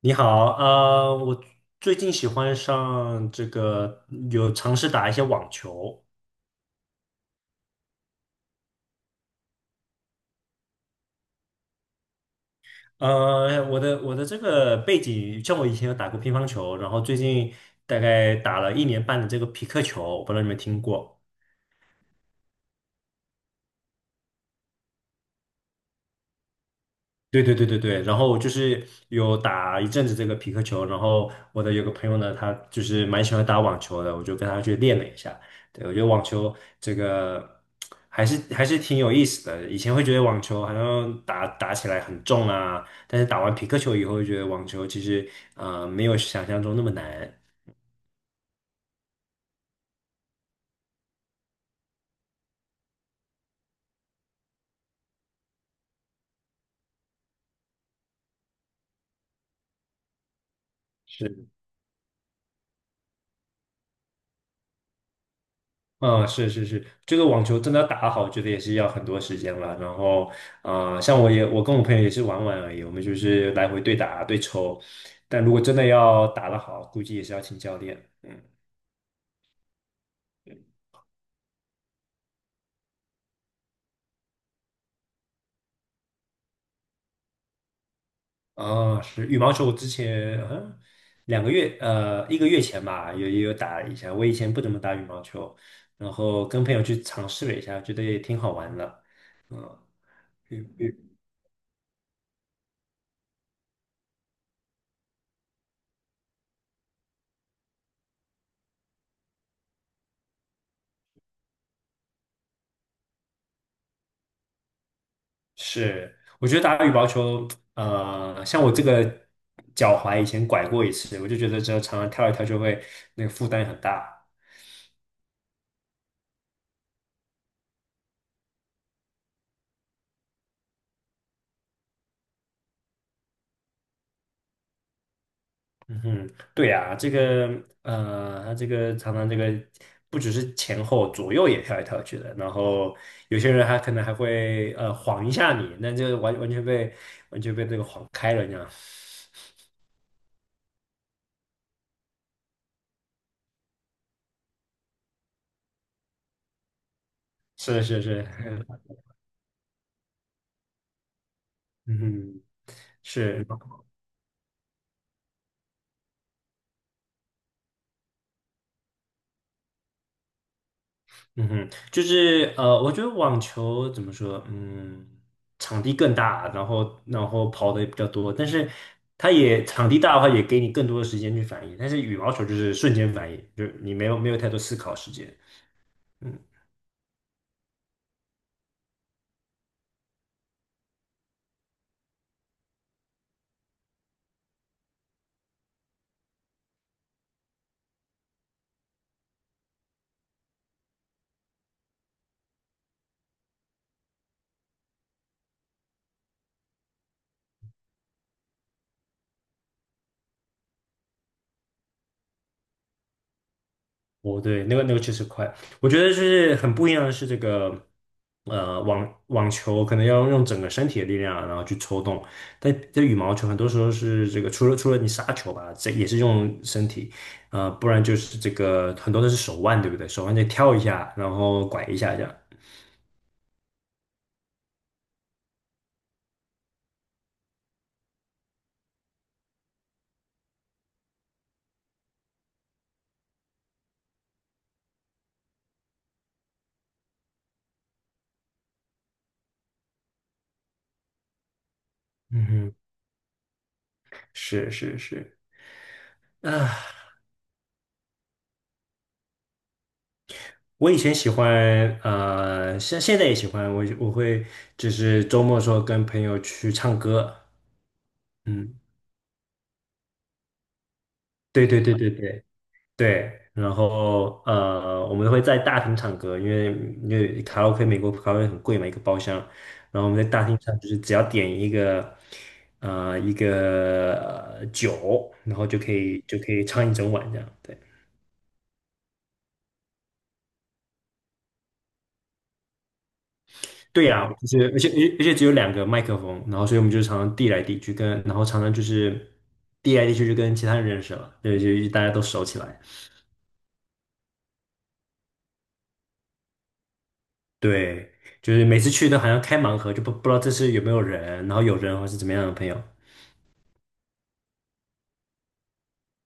你好，我最近喜欢上这个，有尝试打一些网球。我的这个背景，像我以前有打过乒乓球，然后最近大概打了一年半的这个匹克球，我不知道你们听过。对对对对对，然后就是有打一阵子这个皮克球，然后我的有个朋友呢，他就是蛮喜欢打网球的，我就跟他去练了一下。对，我觉得网球这个还是挺有意思的。以前会觉得网球好像打打起来很重啊，但是打完皮克球以后，就觉得网球其实没有想象中那么难。是。嗯，是是是，这个网球真的要打好，我觉得也是要很多时间了。然后，啊，像我也，我跟我朋友也是玩玩而已，我们就是来回对打对抽。但如果真的要打得好，估计也是要请教练。嗯，啊，是羽毛球，我之前两个月，一个月前吧，有也有打一下。我以前不怎么打羽毛球，然后跟朋友去尝试了一下，觉得也挺好玩的。嗯，是，我觉得打羽毛球，像我这个脚踝以前拐过一次，我就觉得这常常跳一跳就会那个负担很大。嗯哼，对呀，这个他这个常常这个不只是前后左右也跳来跳去的，然后有些人还可能还会晃一下你，那就完全被这个晃开了这样。是是是，嗯哼，是。嗯哼，就是我觉得网球怎么说，嗯，场地更大，然后跑的也比较多，但是它也场地大的话，也给你更多的时间去反应，但是羽毛球就是瞬间反应，就是你没有太多思考时间。嗯。哦，对，那个确实快。我觉得就是很不一样的是这个，网球可能要用整个身体的力量啊，然后去抽动，但这羽毛球很多时候是这个，除了你杀球吧，这也是用身体，不然就是这个很多都是手腕，对不对？手腕得跳一下，然后拐一下这样。嗯哼，是是是。啊，我以前喜欢，现在也喜欢，我会就是周末的时候跟朋友去唱歌。嗯，对对对对对。对，然后我们会在大厅唱歌，因为卡拉 OK 美国卡拉 OK 很贵嘛，一个包厢，然后我们在大厅唱，就是只要点一个呃一个酒，然后就可以唱一整晚这样。对对呀、就是而且只有两个麦克风，然后所以我们就常常递来递去跟，然后常常就是递来递去就跟其他人认识了，对，就大家都熟起来。对，就是每次去都好像开盲盒，就不知道这是有没有人，然后有人或是怎么样的朋友。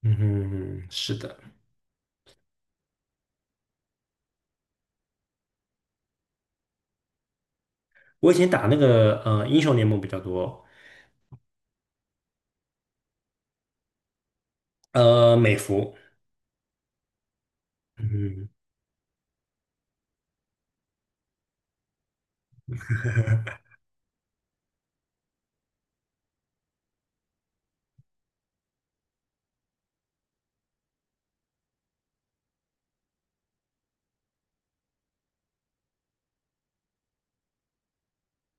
嗯哼，是的，我以前打那个英雄联盟比较多，呃美服，嗯，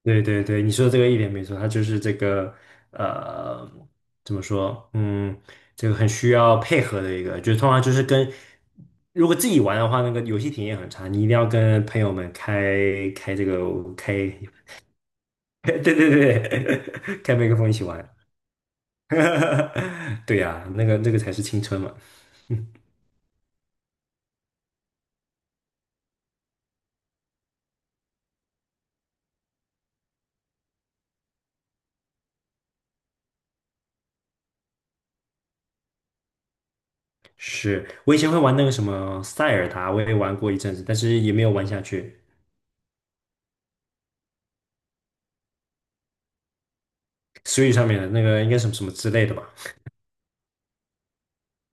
对对对，你说的这个一点没错，它就是这个呃怎么说，嗯，这个很需要配合的一个，就是通常就是跟如果自己玩的话，那个游戏体验很差，你一定要跟朋友们开这个开，对对对，开麦克风一起玩，对呀、那个才是青春嘛。是我以前会玩那个什么塞尔达，我也玩过一阵子，但是也没有玩下去。Switch 上面的那个应该什么什么之类的吧？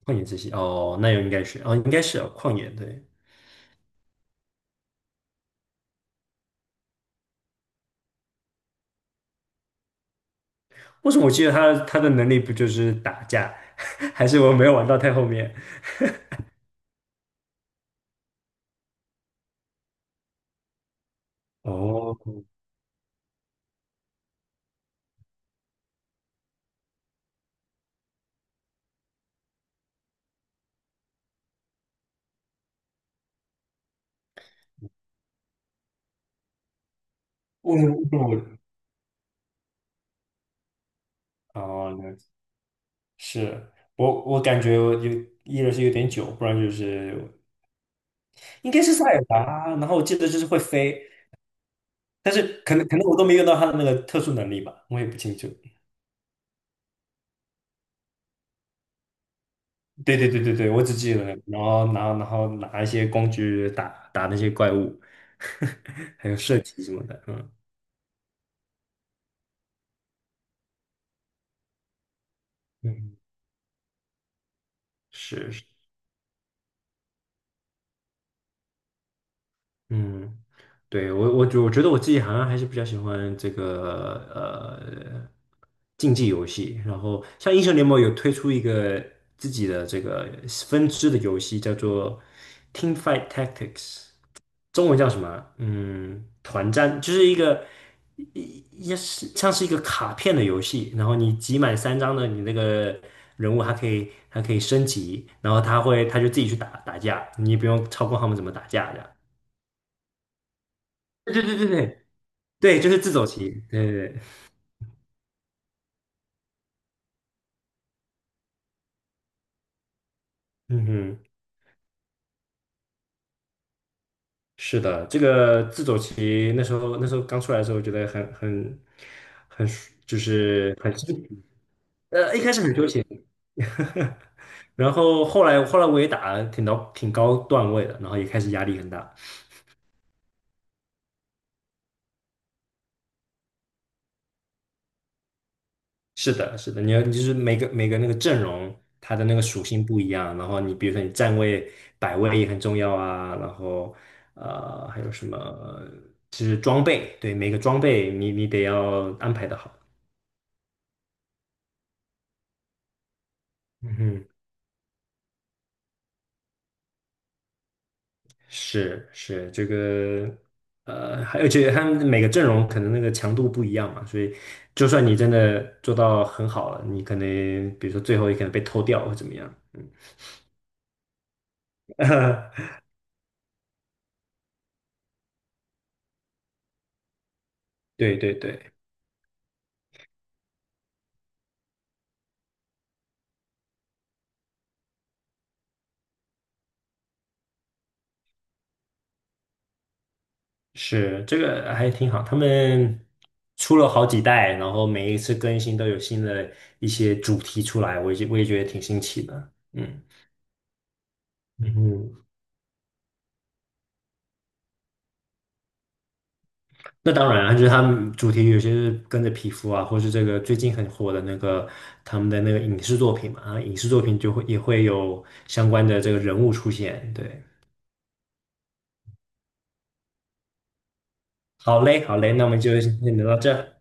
旷野之息哦，那应该是哦，应该是哦，旷野对。为什么我记得他的能力不就是打架，还是我没有玩到太后面？哦，为什么为什么我？哦，了解是我我感觉我有一个是有点久，不然就是应该是塞尔达，然后我记得就是会飞，但是可能我都没用到他的那个特殊能力吧，我也不清楚。对对对对对，我只记得，然后拿一些工具打打那些怪物，还有射击什么的，嗯嗯，是是，嗯，对我觉得我自己好像还是比较喜欢这个竞技游戏，然后像英雄联盟有推出一个自己的这个分支的游戏，叫做 Team Fight Tactics。中文叫什么啊嗯，团战就是一个一也是像是一个卡片的游戏，然后你集满三张的，你那个人物还可以升级，然后他就自己去打打架，你也不用操控他们怎么打架的。对对对对对对，就是自走棋。对对对，嗯哼，是的，这个自走棋那时候刚出来的时候，觉得很很很就是很新奇一开始很纠结，然后后来我也打了挺到挺高段位的，然后也开始压力很大。是的，是的，你要就是每个那个阵容，它的那个属性不一样，然后你比如说你站位摆位也很重要啊，然后还有什么就是装备，对每个装备你得要安排的好。嗯哼。是是这个，还而且他们每个阵容可能那个强度不一样嘛，所以就算你真的做到很好了，你可能比如说最后也可能被偷掉或怎么样，嗯，对对对，是这个还挺好，他们出了好几代，然后每一次更新都有新的一些主题出来，我也觉得挺新奇的，嗯嗯哼那当然啊，就是他们主题有些是跟着皮肤啊，或是这个最近很火的那个他们的那个影视作品嘛，啊，影视作品就会也会有相关的这个人物出现。对，好嘞，好嘞，那我们就先聊到这。